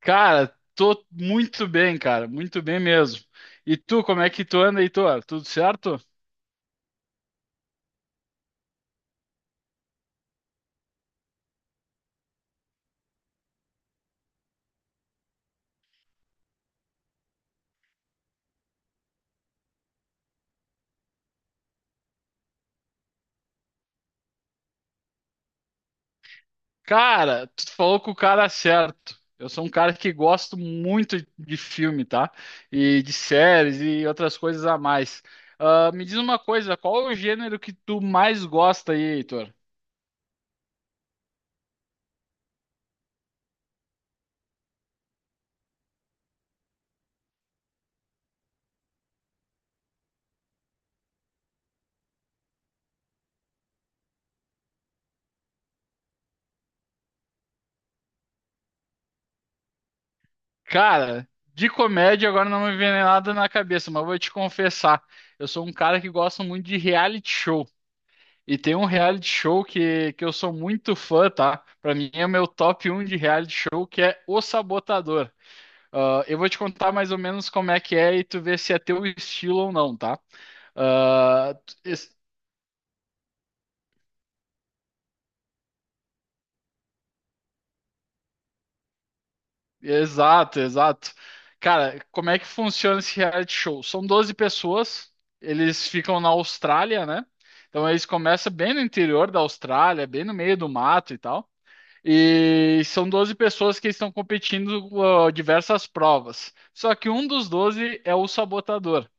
Cara, tô muito bem, cara, muito bem mesmo. E tu, como é que tu anda, Heitor? Tudo certo? Cara, tu falou com o cara certo. Eu sou um cara que gosto muito de filme, tá? E de séries e outras coisas a mais. Ah, me diz uma coisa, qual é o gênero que tu mais gosta aí, Heitor? Cara, de comédia agora não me vem nada na cabeça, mas vou te confessar, eu sou um cara que gosta muito de reality show. E tem um reality show que eu sou muito fã, tá? Pra mim é o meu top um de reality show, que é O Sabotador. Ah, eu vou te contar mais ou menos como é que é e tu vê se é teu estilo ou não, tá? Ah, es- exato, exato. Cara, como é que funciona esse reality show? São 12 pessoas, eles ficam na Austrália, né? Então eles começam bem no interior da Austrália, bem no meio do mato e tal. E são 12 pessoas que estão competindo diversas provas. Só que um dos 12 é o sabotador.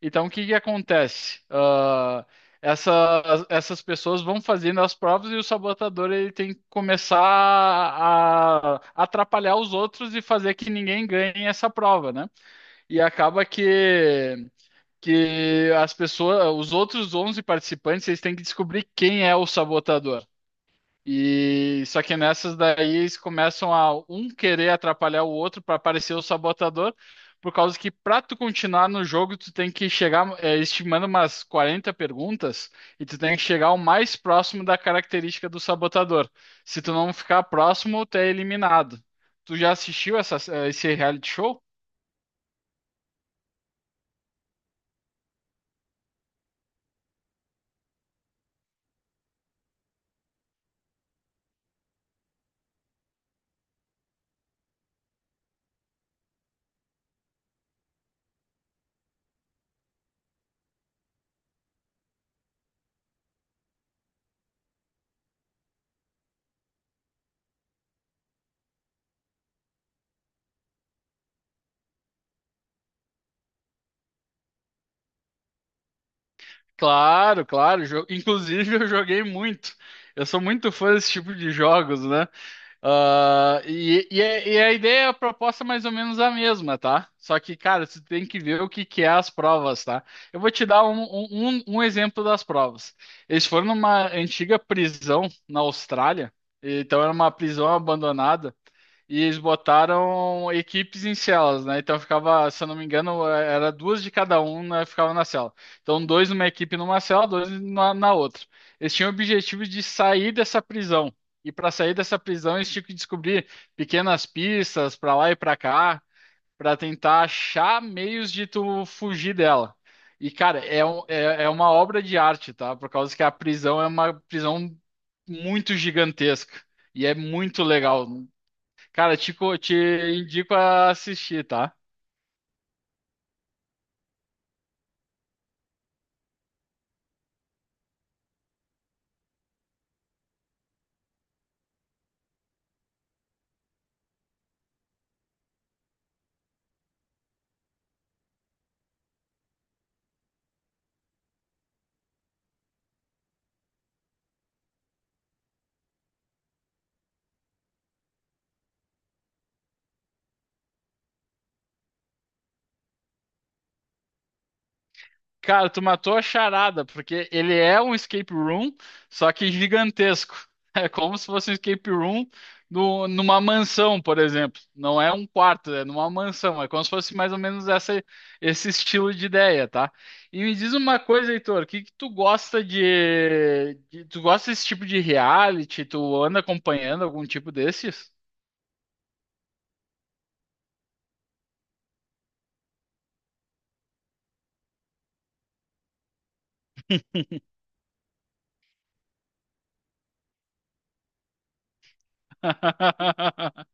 Então, o que que acontece? Essas pessoas vão fazendo as provas e o sabotador ele tem que começar a atrapalhar os outros e fazer que ninguém ganhe essa prova, né? E acaba que as pessoas, os outros 11 participantes, eles têm que descobrir quem é o sabotador. E só que nessas daí eles começam a um querer atrapalhar o outro para parecer o sabotador, por causa que para tu continuar no jogo, tu tem que eles te mandam umas 40 perguntas e tu tem que chegar o mais próximo da característica do sabotador. Se tu não ficar próximo, tu é eliminado. Tu já assistiu esse reality show? Claro, claro. Inclusive, eu joguei muito. Eu sou muito fã desse tipo de jogos, né? E a ideia, é a proposta é mais ou menos a mesma, tá? Só que, cara, você tem que ver o que que é as provas, tá? Eu vou te dar um exemplo das provas. Eles foram numa antiga prisão na Austrália, então era uma prisão abandonada, e eles botaram equipes em celas, né? Então ficava, se eu não me era duas de cada um, né? Ficava na cela. Então, dois numa equipe numa cela, dois na outra. Eles tinham o objetivo de sair dessa prisão. E para sair dessa prisão, eles tinham que descobrir pequenas pistas para lá e para cá, para tentar achar meios de tu fugir dela. E, cara, é uma obra de arte, tá? Por causa que a prisão é uma prisão muito gigantesca. E é muito legal. Cara, te indico a assistir, tá? Cara, tu matou a charada, porque ele é um escape room, só que gigantesco. É como se fosse um escape room numa mansão, por exemplo. Não é um quarto, é numa mansão. É como se fosse mais ou menos essa, esse estilo de ideia, tá? E me diz uma coisa, Heitor, o que que tu gosta Tu gosta desse tipo de reality? Tu anda acompanhando algum tipo desses?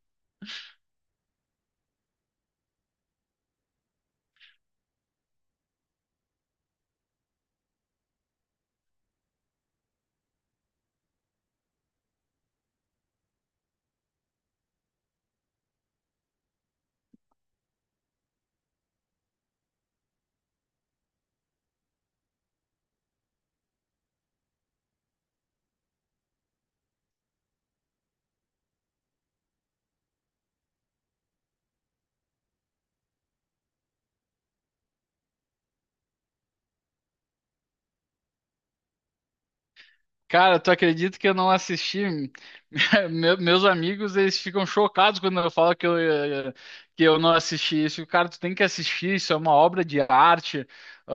Cara, tu acredita que eu não assisti? Meus amigos, eles ficam chocados quando eu falo que que eu não assisti isso. Cara, tu tem que assistir, isso é uma obra de arte.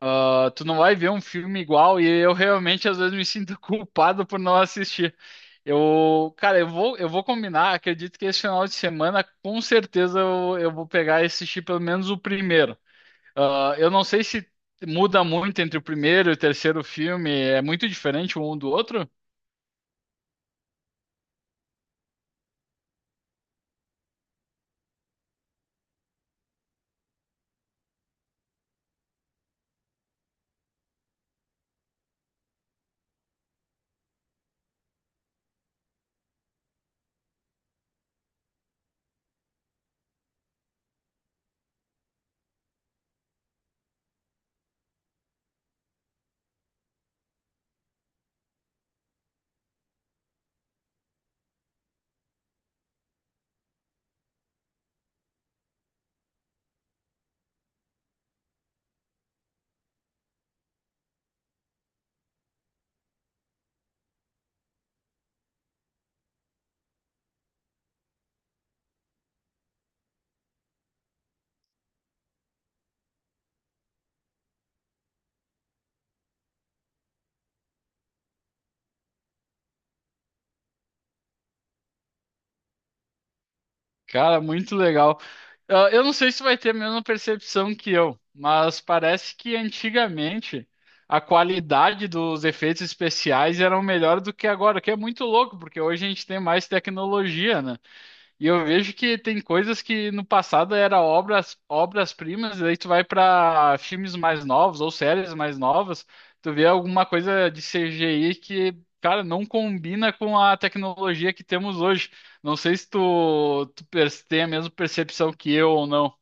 Ah, tu não vai ver um filme igual e eu realmente às vezes me sinto culpado por não assistir. Eu, cara, eu vou combinar, acredito que esse final de semana, com certeza eu vou pegar e assistir pelo menos o primeiro. Ah, eu não sei se muda muito entre o primeiro e o terceiro filme, é muito diferente um do outro? Cara, muito legal. Ah, eu não sei se vai ter a mesma percepção que eu, mas parece que antigamente a qualidade dos efeitos especiais eram melhor do que agora, o que é muito louco, porque hoje a gente tem mais tecnologia, né? E eu vejo que tem coisas que no passado era obras, obras-primas, e aí tu vai para filmes mais novos ou séries mais novas, tu vê alguma coisa de CGI que, cara, não combina com a tecnologia que temos hoje. Não sei se tem a mesma percepção que eu ou não.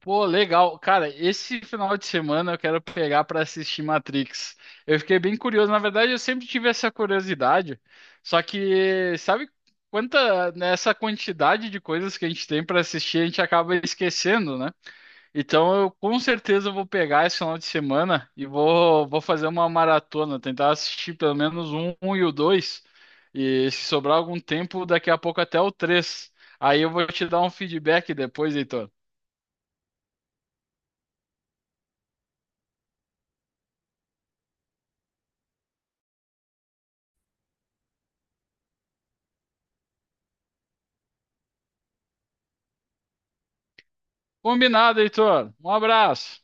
Pô, legal. Cara, esse final de semana eu quero pegar pra assistir Matrix. Eu fiquei bem curioso. Na verdade, eu sempre tive essa curiosidade. Só que, sabe quanta nessa quantidade de coisas que a gente tem pra assistir, a gente acaba esquecendo, né? Então, eu com certeza vou pegar esse final de semana e vou fazer uma maratona, tentar assistir pelo menos um e o dois. E se sobrar algum tempo, daqui a pouco até o três. Aí eu vou te dar um feedback depois, Heitor. Combinado, Heitor. Um abraço.